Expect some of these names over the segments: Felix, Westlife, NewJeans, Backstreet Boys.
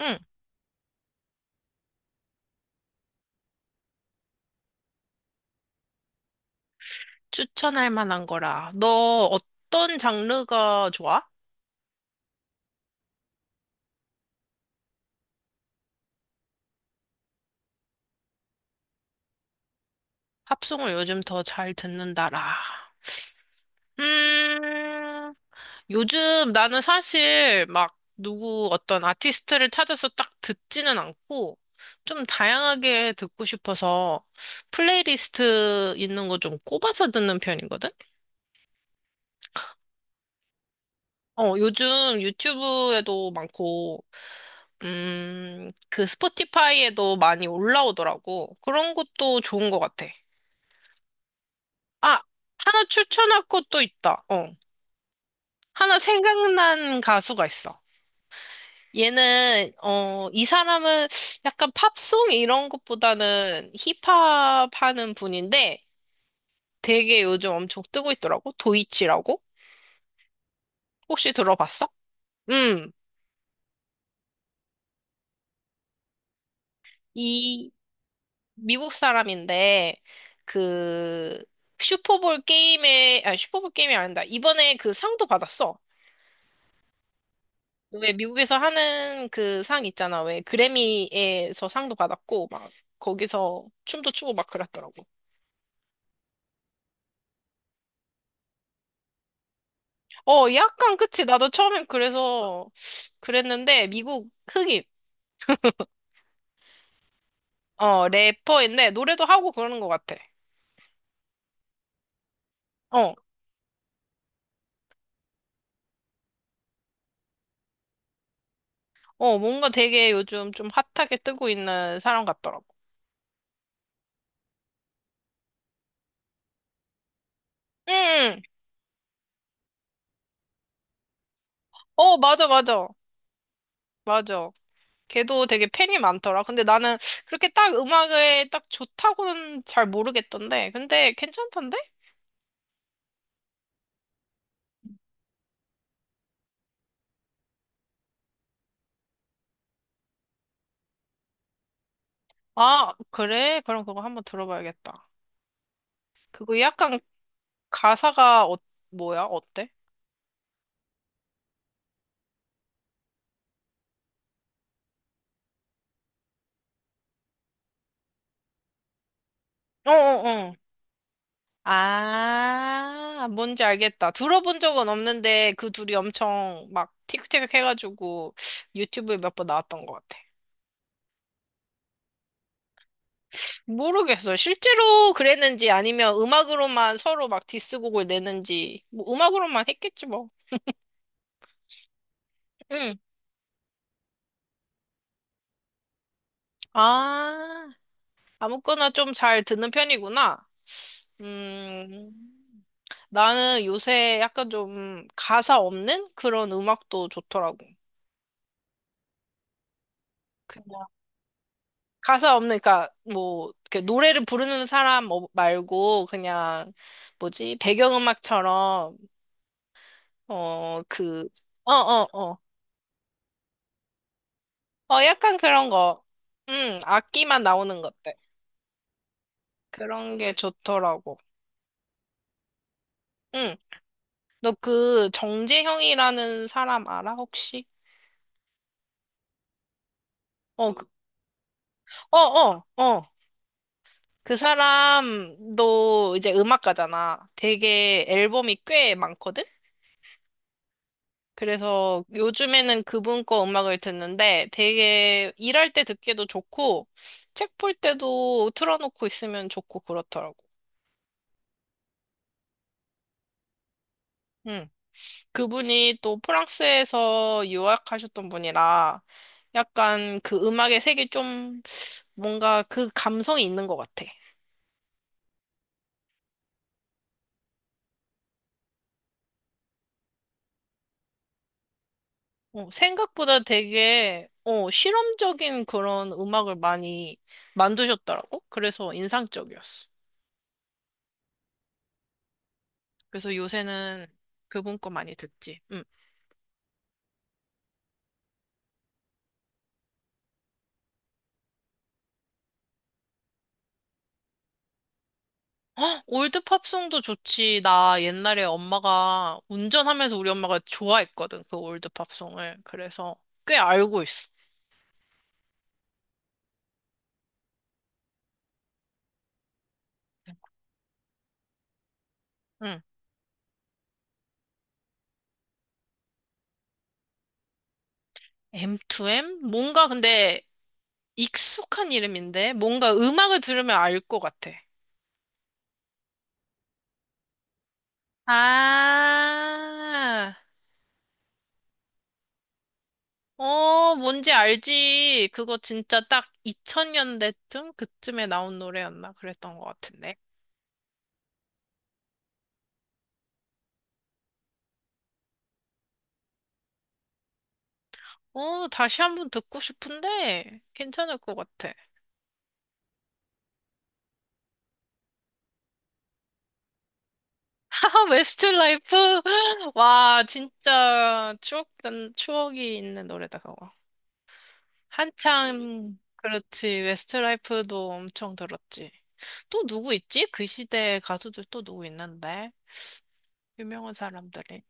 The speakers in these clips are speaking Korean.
응, 추천할 만한 거라. 너 어떤 장르가 좋아? 팝송을 요즘 더 잘 듣는다라. 음, 요즘 나는 사실 막 누구 어떤 아티스트를 찾아서 딱 듣지는 않고 좀 다양하게 듣고 싶어서 플레이리스트 있는 거 좀 꼽아서 듣는 편이거든? 어, 요즘 유튜브에도 많고, 그 스포티파이에도 많이 올라오더라고. 그런 것도 좋은 것 같아. 아, 하나 추천할 것도 있다. 어, 하나 생각난 가수가 있어. 얘는, 이 사람은 약간 팝송 이런 것보다는 힙합 하는 분인데 되게 요즘 엄청 뜨고 있더라고. 도이치라고? 혹시 들어봤어? 음. 이 미국 사람인데 그 슈퍼볼 게임에 아 슈퍼볼 게임이 아니다. 이번에 그 상도 받았어. 왜 미국에서 하는 그 상 있잖아. 왜 그래미에서 상도 받았고 막 거기서 춤도 추고 막 그랬더라고. 어, 약간 그치. 나도 처음엔 그래서 그랬는데 미국 흑인 어 래퍼인데 노래도 하고 그러는 것 같아. 어, 뭔가 되게 요즘 좀 핫하게 뜨고 있는 사람 같더라고. 응, 응. 어 맞아 맞아 맞아. 걔도 되게 팬이 많더라. 근데 나는 그렇게 딱 음악에 딱 좋다고는 잘 모르겠던데. 근데 괜찮던데? 아, 그래? 그럼 그거 한번 들어봐야겠다. 그거 약간 가사가 뭐야? 어때? 어, 어, 어. 아, 뭔지 알겠다. 들어본 적은 없는데 그 둘이 엄청 막 틱틱 해가지고 유튜브에 몇 번 나왔던 것 같아. 모르겠어. 실제로 그랬는지 아니면 음악으로만 서로 막 디스곡을 내는지 뭐 음악으로만 했겠지 뭐. 응. 아, 아무거나 좀 잘 듣는 편이구나. 음, 나는 요새 약간 좀 가사 없는 그런 음악도 좋더라고. 그냥 가사 없는, 그러니까 뭐, 이렇게 노래를 부르는 사람 말고 그냥 뭐지, 배경음악처럼, 어, 그, 어, 어, 어. 어, 약간 그런 거. 악기만 나오는 것들. 그런 게 좋더라고. 응. 너 그 정재형이라는 사람 알아, 혹시? 어, 어, 어, 어. 그 사람도 이제 음악가잖아. 되게 앨범이 꽤 많거든? 그래서 요즘에는 그분 거 음악을 듣는데 되게 일할 때 듣기도 좋고 책 볼 때도 틀어놓고 있으면 좋고 그렇더라고. 응. 그분이 또 프랑스에서 유학하셨던 분이라 약간 그 음악의 색이 좀 뭔가 그 감성이 있는 것 같아. 생각보다 되게 실험적인 그런 음악을 많이 만드셨더라고. 그래서 인상적이었어. 그래서 요새는 그분 거 많이 듣지. 응. 헉, 올드 팝송도 좋지. 나 옛날에 엄마가 운전하면서 우리 엄마가 좋아했거든. 그 올드 팝송을. 그래서 꽤 알고 있어. 응. M2M? 뭔가 근데 익숙한 이름인데 뭔가 음악을 들으면 알 것 같아. 아. 어, 뭔지 알지. 그거 진짜 딱 2000년대쯤? 그쯤에 나온 노래였나? 그랬던 것 같은데. 어, 다시 한 번 듣고 싶은데, 괜찮을 것 같아. 아, 웨스트라이프! 와, 진짜 추억, 난 추억이 있는 노래다, 그거. 한창, 그렇지. 웨스트라이프도 엄청 들었지. 또 누구 있지? 그 시대 가수들 또 누구 있는데? 유명한 사람들이.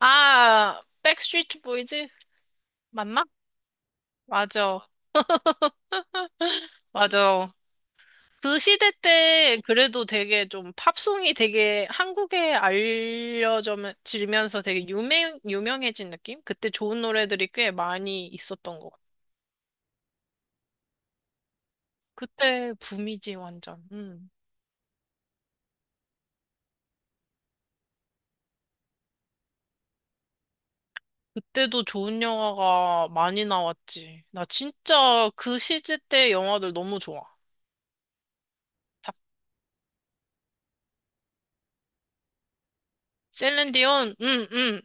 아, 백스트리트 보이즈? 맞나? 맞아. 맞아. 그 시대 때 그래도 되게 좀 팝송이 되게 한국에 알려지면서 되게 유명해진 느낌? 그때 좋은 노래들이 꽤 많이 있었던 것 같아. 그때 붐이지, 완전. 음. 그때도 좋은 영화가 많이 나왔지. 나 진짜 그 시대 때 영화들 너무 좋아. 다- 셀렌디온 응, 응.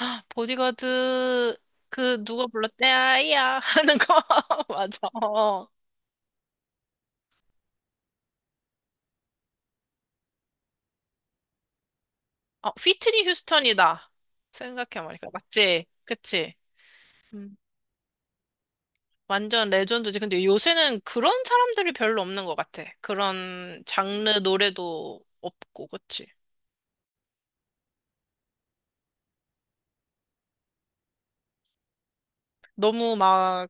헉, 보디가드, 누가 불렀대? 아이야. 하는 거. 맞아. 어. 어, 휘트니 휴스턴이다. 생각해보니까. 맞지? 그치? 음. 완전 레전드지. 근데 요새는 그런 사람들이 별로 없는 것 같아. 그런 장르 노래도 없고, 그치? 너무 막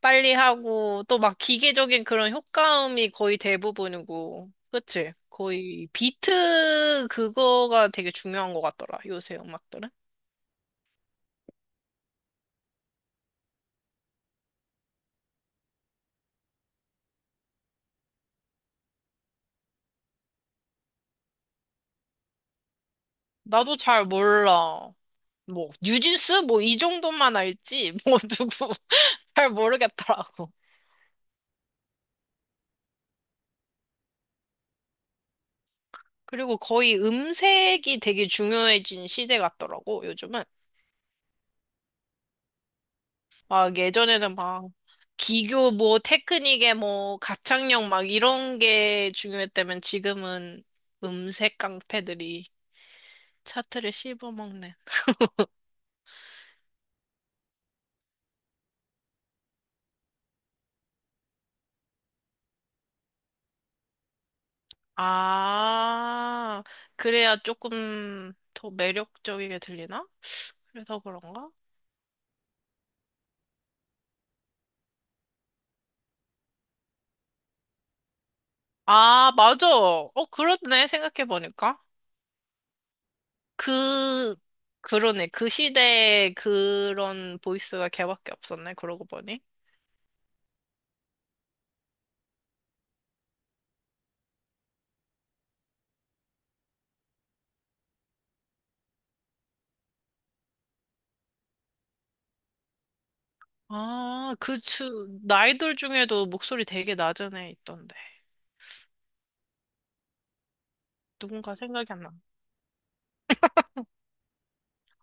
빨리 하고, 또 막 기계적인 그런 효과음이 거의 대부분이고, 그치? 거의 비트 그거가 되게 중요한 것 같더라, 요새 음악들은. 나도 잘 몰라. 뭐, 뉴진스? 뭐, 이 정도만 알지? 뭐, 누구, 잘 모르겠더라고. 그리고 거의 음색이 되게 중요해진 시대 같더라고, 요즘은. 막 예전에는 막 기교 뭐 테크닉에 뭐 가창력 막 이런 게 중요했다면 지금은 음색 깡패들이 차트를 씹어먹는. 아, 그래야 조금 더 매력적이게 들리나? 그래서 그런가? 아, 맞아. 어, 그렇네. 생각해보니까. 그, 그러네. 그 시대에 그런 보이스가 걔밖에 없었네. 그러고 보니. 아, 그 아이돌 중에도 목소리 되게 낮은 애 있던데. 누군가 생각이 안 나.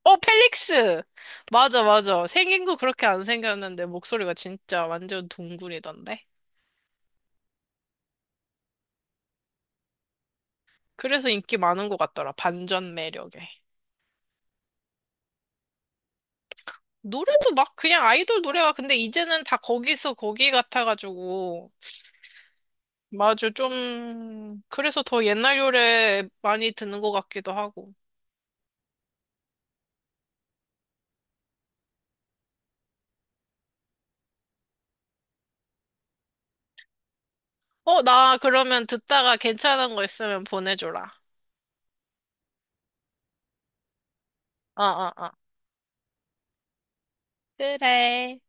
어, 펠릭스! 맞아, 맞아. 생긴 거 그렇게 안 생겼는데 목소리가 진짜 완전 동굴이던데. 그래서 인기 많은 것 같더라. 반전 매력에. 노래도 막 그냥 아이돌 노래가 근데 이제는 다 거기서 거기 같아가지고 맞아, 좀, 그래서 더 옛날 요래 많이 듣는 것 같기도 하고. 어, 나 그러면 듣다가 괜찮은 거 있으면 보내줘라. 어, 어, 어. 그래.